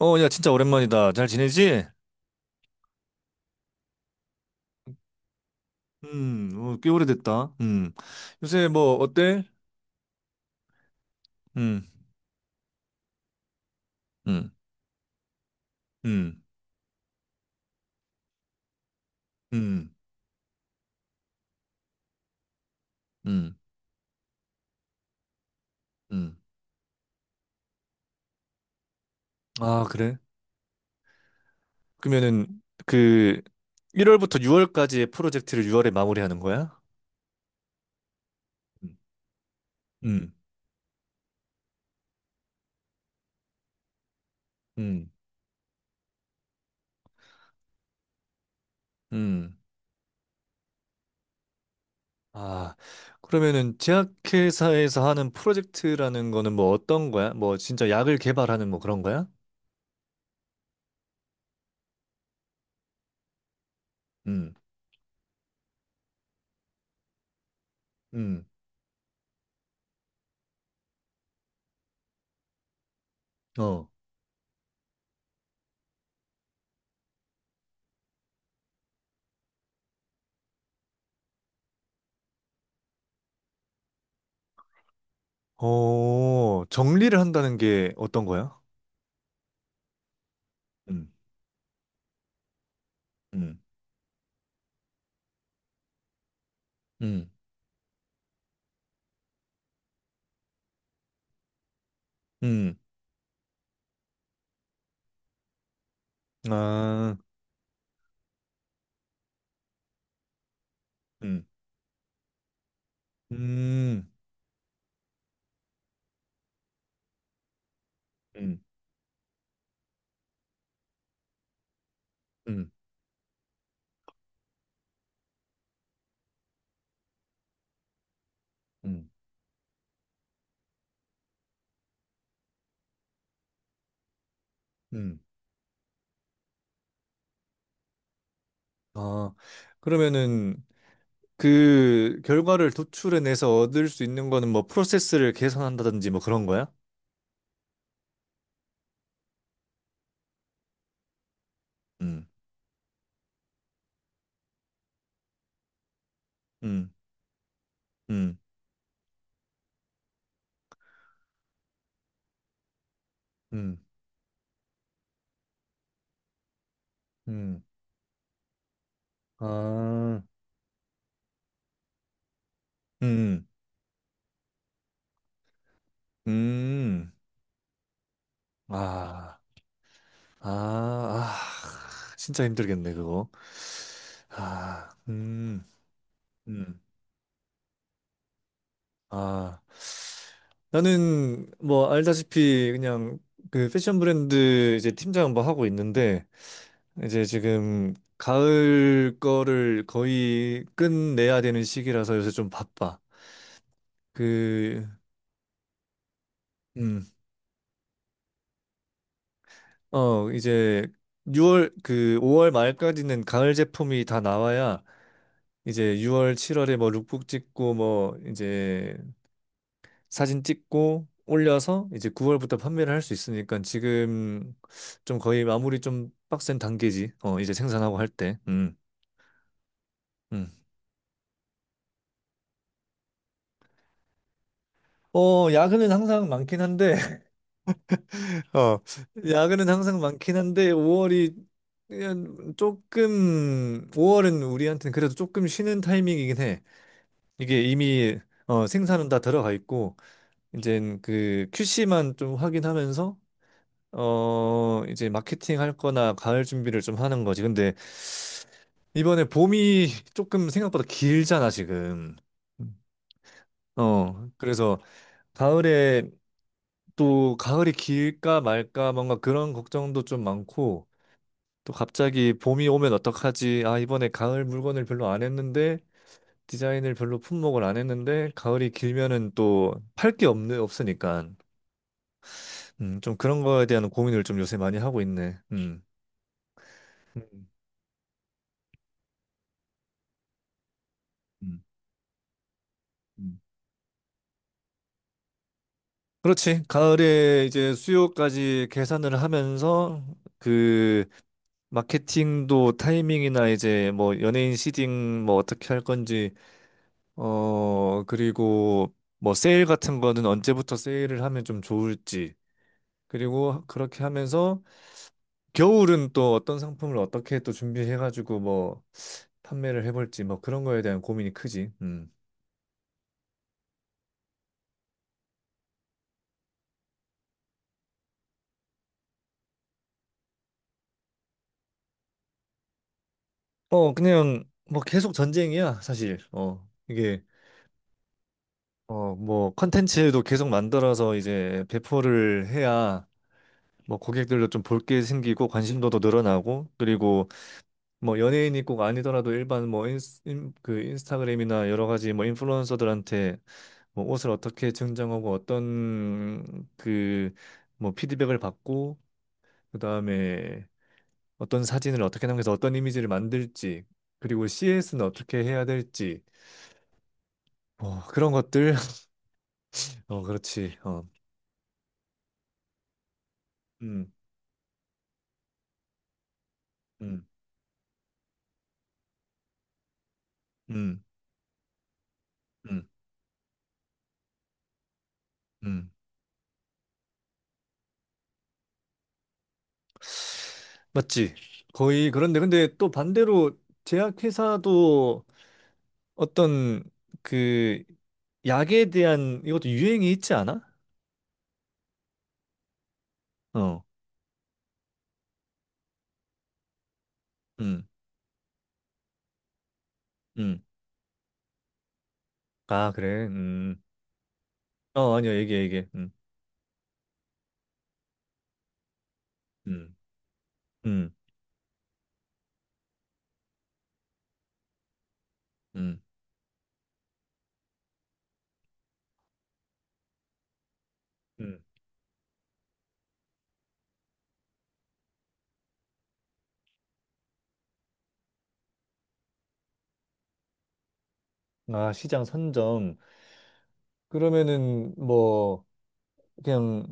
어, 야, 진짜 오랜만이다. 잘 지내지? 어, 꽤 오래됐다. 음. 요새 뭐, 어때? 음, 음, 음, 음, 음, 음. 아, 그래? 그러면은, 그, 1월부터 6월까지의 프로젝트를 6월에 마무리하는 거야? 음, 음, 음. 음. 아, 그러면은, 제약회사에서 하는 프로젝트라는 거는 뭐 어떤 거야? 뭐, 진짜 약을 개발하는 뭐 그런 거야? 음, 음, 어. 어, 정리를 한다는 게 어떤 거야? 음, 음, 음, 음, 아, 음, 음, 음, 음, 음, 음. 아, 그러면은 그 결과를 도출해내서 얻을 수 있는 거는 뭐 프로세스를 개선한다든지 뭐 그런 거야? 음, 음, 음, 음, 음, 아, 음, 음, 아, 아, 아, 진짜 힘들겠네, 그거. 아, 아, 나는 뭐 알다시피 그냥 그 패션 브랜드 이제 팀장 뭐 하고 있는데 이제 지금 가을 거를 거의 끝내야 되는 시기라서 요새 좀 바빠. 그, 음, 어, 이제 6월 그 5월 말까지는 가을 제품이 다 나와야 이제 6월, 7월에 뭐 룩북 찍고 뭐 이제 사진 찍고 올려서 이제 9월부터 판매를 할 수 있으니까 지금 좀 거의 마무리 좀 빡센 단계지. 어, 이제 생산하고 할 때. 음. 음. 어, 야근은 항상 많긴 한데 어, 야근은 항상 많긴 한데 5월이 조금 5월은 우리한테는 그래도 조금 쉬는 타이밍이긴 해. 이게 이미 어, 생산은 다 들어가 있고 이제 그 QC만 좀 확인하면서 어, 이제 마케팅 할 거나 가을 준비를 좀 하는 거지. 근데 이번에 봄이 조금 생각보다 길잖아, 지금. 어, 그래서 가을에 또 가을이 길까 말까 뭔가 그런 걱정도 좀 많고 또 갑자기 봄이 오면 어떡하지? 아, 이번에 가을 물건을 별로 안 했는데 디자인을 별로 품목을 안 했는데 가을이 길면은 또 팔게 없네, 없으니까. 좀 그런 거에 대한 고민을 좀 요새 많이 하고 있네. 음. 음, 음. 그렇지. 가을에 이제 수요까지 계산을 하면서 그 마케팅도 타이밍이나 이제 뭐 연예인 시딩 뭐 어떻게 할 건지 어 그리고 뭐 세일 같은 거는 언제부터 세일을 하면 좀 좋을지 그리고 그렇게 하면서 겨울은 또 어떤 상품을 어떻게 또 준비해가지고 뭐 판매를 해볼지 뭐 그런 거에 대한 고민이 크지. 음. 어 그냥 뭐 계속 전쟁이야 사실. 어 이게 어, 뭐 컨텐츠도 계속 만들어서 이제 배포를 해야 뭐 고객들도 좀 볼 게 생기고 관심도도 늘어나고 그리고 뭐 연예인이 꼭 아니더라도 일반 뭐 그 인스타그램이나 여러 가지 뭐 인플루언서들한테 뭐 옷을 어떻게 증정하고 어떤 그 뭐 피드백을 받고 그다음에 어떤 사진을 어떻게 남겨서 어떤 이미지를 만들지 그리고 CS는 어떻게 해야 될지 뭐 그런 것들 어 그렇지 어 음 음, 음. 음. 음, 맞지. 거의 그런데, 근데 또 반대로 제약회사도 어떤 그 약에 대한 이것도 유행이 있지 않아? 어, 음, 음. 아, 그래. 음. 어, 아니야. 얘기해, 얘기해. 음, 음, 음, 음. 아, 시장 선정. 그러면은 뭐, 그냥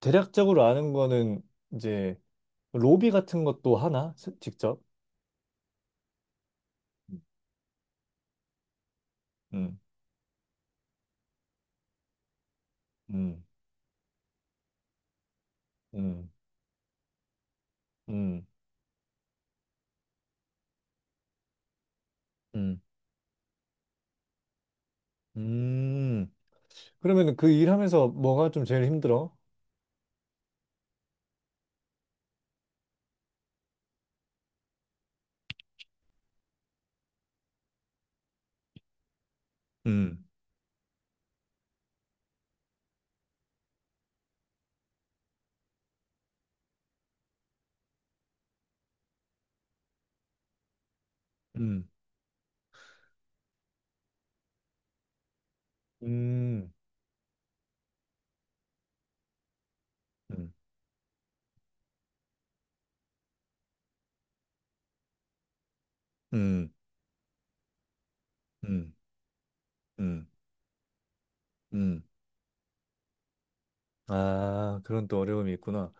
대략적으로 아는 거는 이제 로비 같은 것도 하나? 스- 직접? 음, 음, 음, 음. 음. 음, 그러면 그 일하면서 뭐가 좀 제일 힘들어? 음, 음, 음, 음, 음, 음, 음, 음. 아, 그런 또 어려움이 있구나.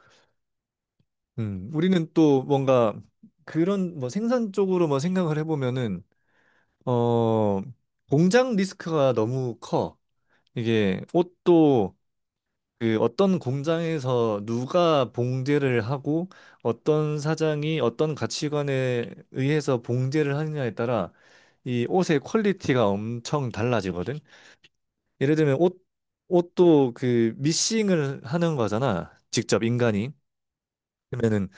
우리는 또 뭔가 그런 뭐 생산 쪽으로 뭐 생각을 해보면은, 어, 공장 리스크가 너무 커. 이게 옷도 그 어떤 공장에서 누가 봉제를 하고 어떤 사장이 어떤 가치관에 의해서 봉제를 하느냐에 따라 이 옷의 퀄리티가 엄청 달라지거든. 예를 들면 옷 옷도 그 미싱을 하는 거잖아. 직접 인간이. 그러면은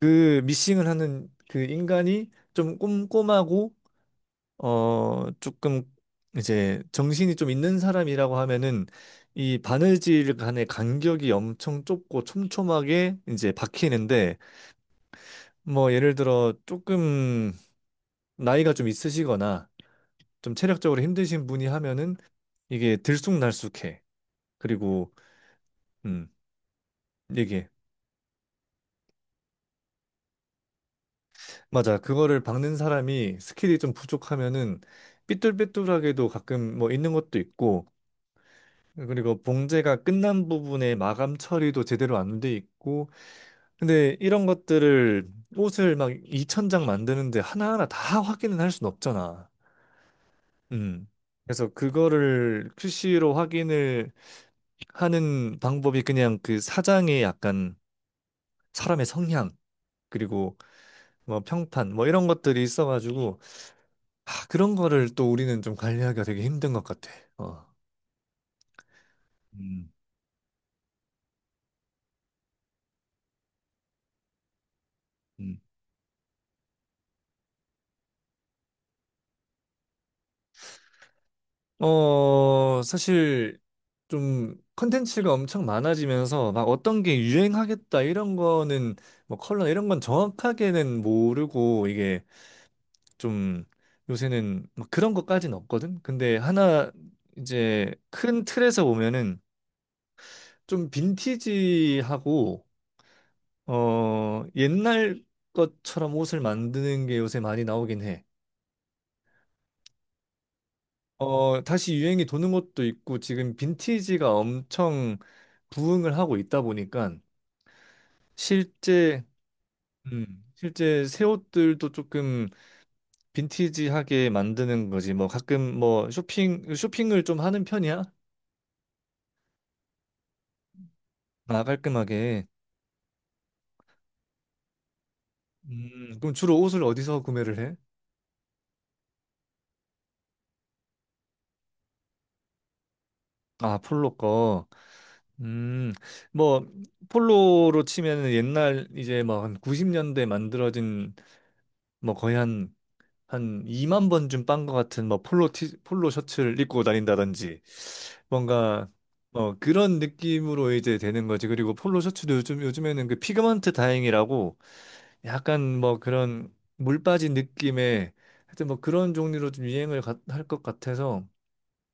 그 미싱을 하는 그 인간이 좀 꼼꼼하고 어, 조금 이제 정신이 좀 있는 사람이라고 하면은 이 바느질 간의 간격이 엄청 좁고 촘촘하게 이제 박히는데 뭐 예를 들어 조금 나이가 좀 있으시거나 좀 체력적으로 힘드신 분이 하면은 이게 들쑥날쑥해. 그리고 음, 이게 맞아. 그거를 박는 사람이 스킬이 좀 부족하면은 삐뚤빼뚤하게도 가끔 뭐 있는 것도 있고 그리고 봉제가 끝난 부분의 마감 처리도 제대로 안 돼 있고 근데 이런 것들을 옷을 막 2천 장 만드는데 하나하나 다 확인은 할 순 없잖아. 음. 그래서 그거를 QC로 확인을 하는 방법이 그냥 그 사장의 약간 사람의 성향 그리고 뭐 평판 뭐 이런 것들이 있어가지고 아, 그런 거를 또 우리는 좀 관리하기가 되게 힘든 것 같아. 어. 음, 음. 어, 사실 좀 컨텐츠가 엄청 많아지면서 막 어떤 게 유행하겠다 이런 거는 뭐 컬러 이런 건 정확하게는 모르고 이게 좀 요새는 막 그런 것까지는 없거든. 근데 하나 이제 큰 틀에서 보면은 좀 빈티지하고 어, 옛날 것처럼 옷을 만드는 게 요새 많이 나오긴 해. 어, 다시 유행이 도는 것도 있고 지금 빈티지가 엄청 부흥을 하고 있다 보니까 실제 실제 새 옷들도 조금 빈티지하게 만드는 거지. 뭐 가끔 뭐 쇼핑을 좀 하는 편이야? 아, 깔끔하게. 그럼 주로 옷을 어디서 구매를 해? 아, 폴로 거. 음, 뭐 폴로로 치면은 옛날 이제 뭐 한 90년대 만들어진 뭐 거의 한 2만 번쯤 빤 것 같은 뭐 폴로 티, 폴로 셔츠를 입고 다닌다든지 뭔가 어 그런 느낌으로 이제 되는 거지. 그리고 폴로 셔츠도 요즘에는 그 피그먼트 다잉이라고 약간 뭐 그런 물 빠진 느낌의 하여튼 뭐 그런 종류로 좀 유행을 할 것 같아서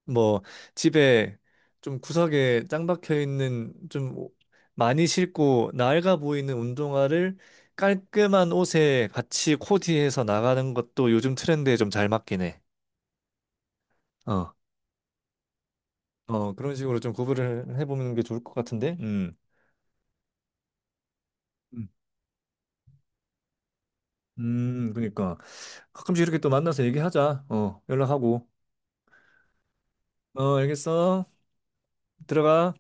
뭐 집에 좀 구석에 짱 박혀 있는 좀 오- 많이 싣고 낡아 보이는 운동화를 깔끔한 옷에 같이 코디해서 나가는 것도 요즘 트렌드에 좀 잘 맞긴 해. 어. 어, 그런 식으로 좀 구분을 해보는 게 좋을 것 같은데. 음. 음, 그러니까. 가끔씩 이렇게 또 만나서 얘기하자. 어, 연락하고. 어, 알겠어. 들어가.